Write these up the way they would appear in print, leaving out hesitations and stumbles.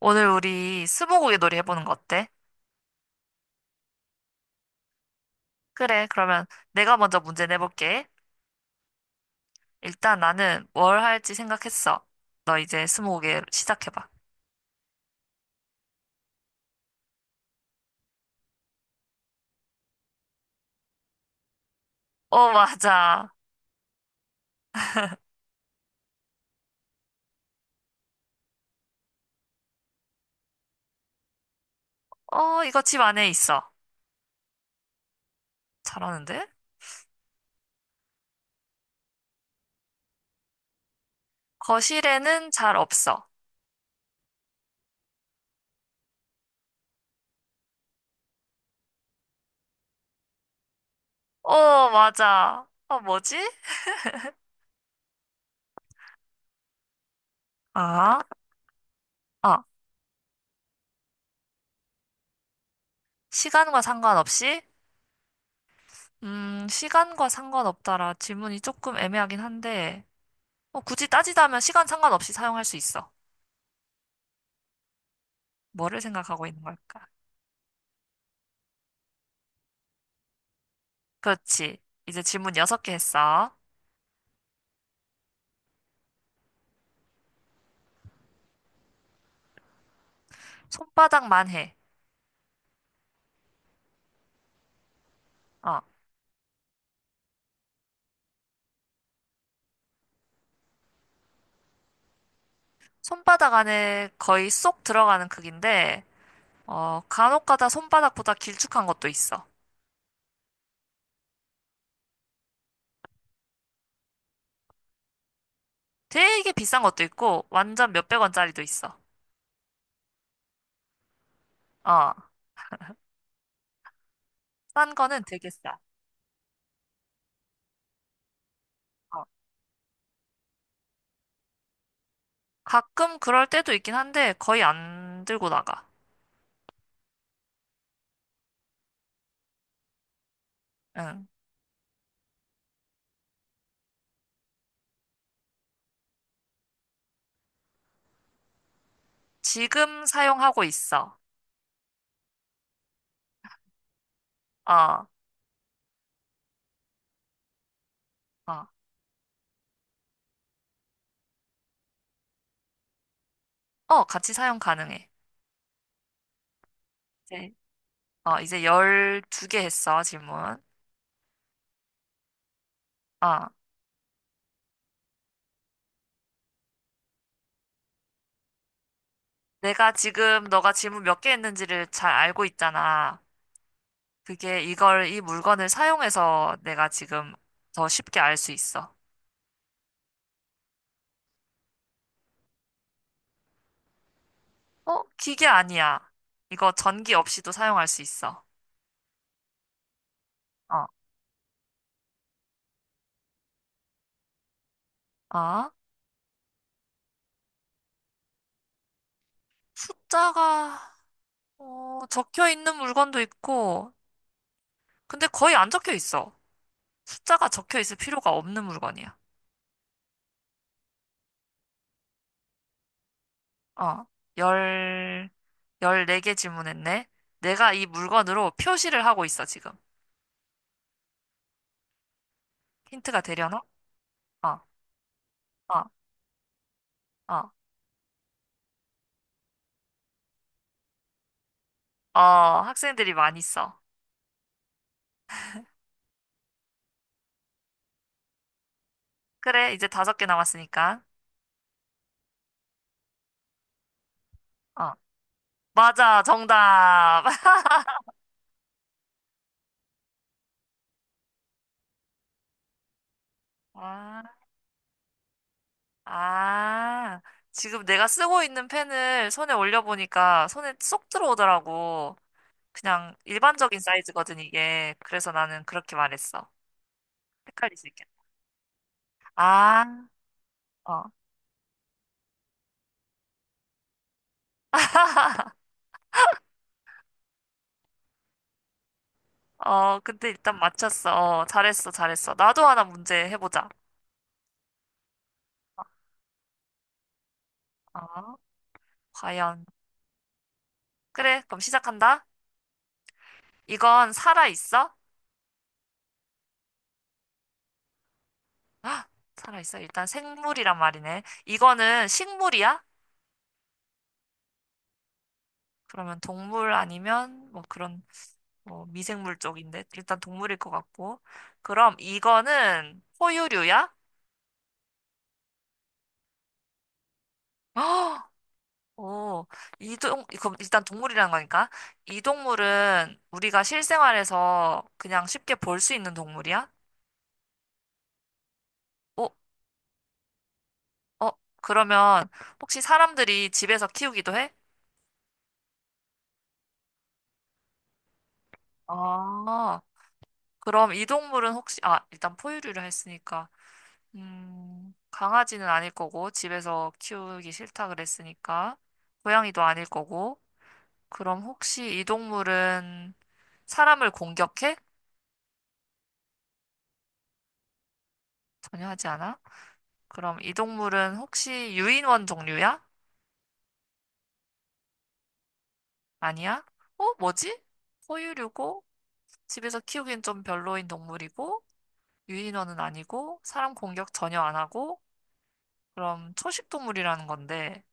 오늘 우리 스무고개 놀이 해보는 거 어때? 그래, 그러면 내가 먼저 문제 내볼게. 일단 나는 뭘 할지 생각했어. 너 이제 스무고개 시작해봐. 어, 맞아. 어, 이거 집 안에 있어. 잘하는데? 거실에는 잘 없어. 어, 맞아. 어, 뭐지? 아, 아, 시간과 상관없이? 시간과 상관없다라 질문이 조금 애매하긴 한데, 어, 굳이 따지자면 시간 상관없이 사용할 수 있어. 뭐를 생각하고 있는 걸까? 그렇지. 이제 질문 여섯 개 했어. 손바닥만 해. 어. 손바닥 안에 거의 쏙 들어가는 크기인데, 어, 간혹가다 손바닥보다 길쭉한 것도 있어. 되게 비싼 것도 있고, 완전 몇백 원짜리도 있어. 어. 싼 거는 되게 싸. 어. 가끔 그럴 때도 있긴 한데, 거의 안 들고 나가. 응. 지금 사용하고 있어. 어, 어, 어, 같이 사용 가능해. 이제, 이제 12개 했어, 질문. 어. 내가 지금 너가 질문 몇 개 했는지를 잘 알고 있잖아. 그게 이 물건을 사용해서 내가 지금 더 쉽게 알 수 있어. 어? 기계 아니야. 이거 전기 없이도 사용할 수 있어. 어, 아? 숫자가, 어, 적혀 있는 물건도 있고, 근데 거의 안 적혀 있어. 숫자가 적혀 있을 필요가 없는 물건이야. 어, 열, 열네 개 질문했네. 내가 이 물건으로 표시를 하고 있어, 지금. 힌트가 되려나? 어, 어. 어. 어, 학생들이 많이 써. 그래, 이제 다섯 개 남았으니까. 어, 맞아, 정답. 아, 아, 지금 내가 쓰고 있는 펜을 손에 올려보니까 손에 쏙 들어오더라고. 그냥 일반적인 사이즈거든, 이게. 그래서 나는 그렇게 말했어. 헷갈릴 수 있겠다. 아, 어, 어, 근데 일단 맞췄어. 어, 잘했어, 잘했어. 나도 하나 문제 해보자. 어, 과연. 그래, 그럼 시작한다. 이건 살아있어? 아, 살아있어. 일단 생물이란 말이네. 이거는 식물이야? 그러면 동물 아니면 뭐 그런 뭐 미생물 쪽인데 일단 동물일 것 같고. 그럼 이거는 포유류야? 어, 오, 그럼 일단 동물이라는 거니까. 이 동물은 우리가 실생활에서 그냥 쉽게 볼 수 있는 동물이야? 어, 어, 그러면 혹시 사람들이 집에서 키우기도 해? 아, 그럼 이 동물은 혹시, 아, 일단 포유류를 했으니까. 강아지는 아닐 거고, 집에서 키우기 싫다 그랬으니까, 고양이도 아닐 거고, 그럼 혹시 이 동물은 사람을 공격해? 전혀 하지 않아? 그럼 이 동물은 혹시 유인원 종류야? 아니야? 어, 뭐지? 포유류고, 집에서 키우기엔 좀 별로인 동물이고, 유인원은 아니고, 사람 공격 전혀 안 하고, 그럼 초식 동물이라는 건데,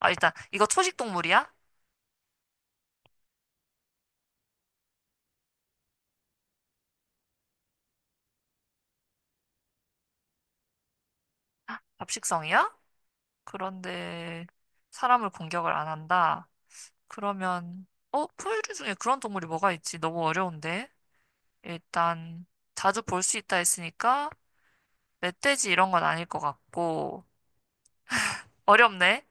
아, 일단, 이거 초식 동물이야? 잡식성이야? 그런데 사람을 공격을 안 한다. 그러면, 어, 포유류 중에 그런 동물이 뭐가 있지? 너무 어려운데? 일단, 자주 볼 수 있다 했으니까, 멧돼지 이런 건 아닐 것 같고, 어렵네?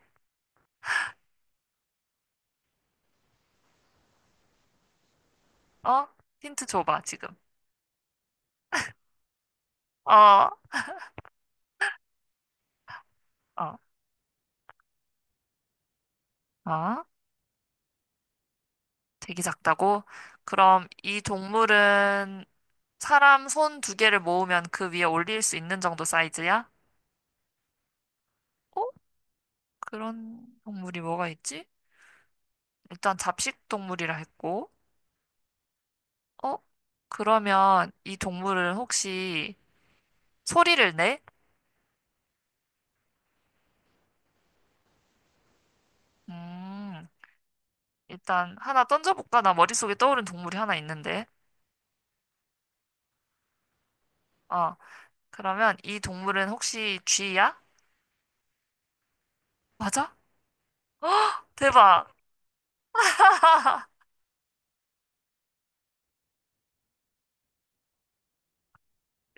어? 힌트 줘봐, 지금. 어, 어, 아? 되게 작다고? 그럼 이 동물은 사람 손 두 개를 모으면 그 위에 올릴 수 있는 정도 사이즈야? 어? 그런 동물이 뭐가 있지? 일단 잡식 동물이라 했고, 어? 그러면 이 동물은 혹시 소리를 내? 음, 일단 하나 던져볼까? 나 머릿속에 떠오른 동물이 하나 있는데. 어, 그러면 이 동물은 혹시 쥐야? 맞아? 대박!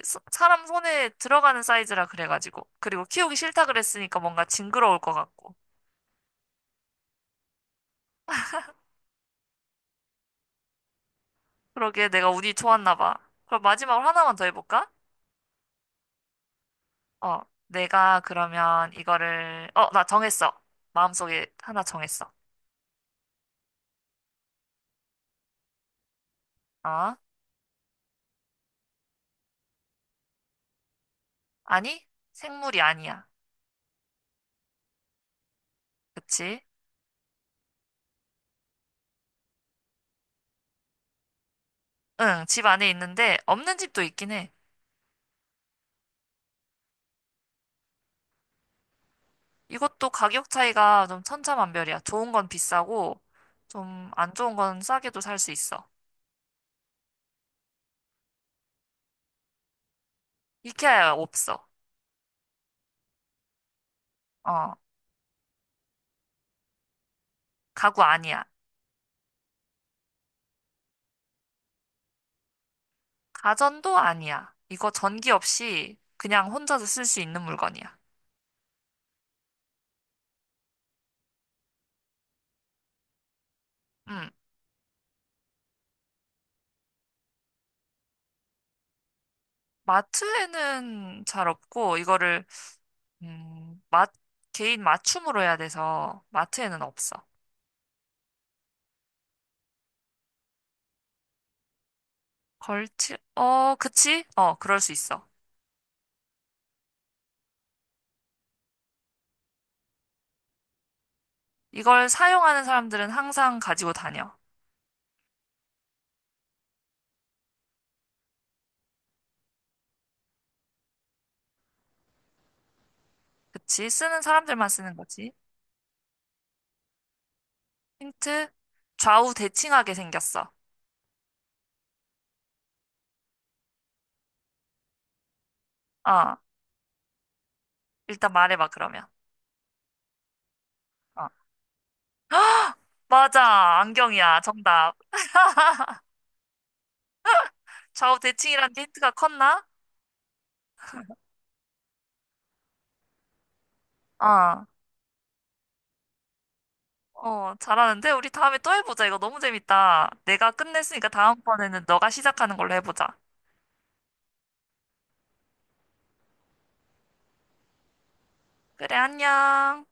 사람 손에 들어가는 사이즈라 그래가지고. 그리고 키우기 싫다 그랬으니까 뭔가 징그러울 것 같고. 그러게 내가 운이 좋았나 봐. 그럼 마지막으로 하나만 더 해볼까? 어, 내가 그러면 나 정했어. 마음속에 하나 정했어. 어? 아니, 생물이 아니야. 그치? 응, 집 안에 있는데 없는 집도 있긴 해. 이것도 가격 차이가 좀 천차만별이야. 좋은 건 비싸고 좀 안 좋은 건 싸게도 살 수 있어. 이케아야 없어. 어, 가구 아니야. 가전도 아니야. 이거 전기 없이 그냥 혼자서 쓸 수 있는 물건이야. 음, 마트에는 잘 없고 이거를 음, 마, 개인 맞춤으로 해야 돼서 마트에는 없어. 어, 그치? 어, 그럴 수 있어. 이걸 사용하는 사람들은 항상 가지고 다녀. 그치? 쓰는 사람들만 쓰는 거지. 힌트? 좌우 대칭하게 생겼어. 어, 일단 말해봐, 그러면. 어. 맞아, 안경이야. 정답. 좌우 대칭이라는 게 힌트가 컸나? 어, 어, 잘하는데? 우리 다음에 또 해보자. 이거 너무 재밌다. 내가 끝냈으니까 다음번에는 너가 시작하는 걸로 해보자. 그래, 안녕.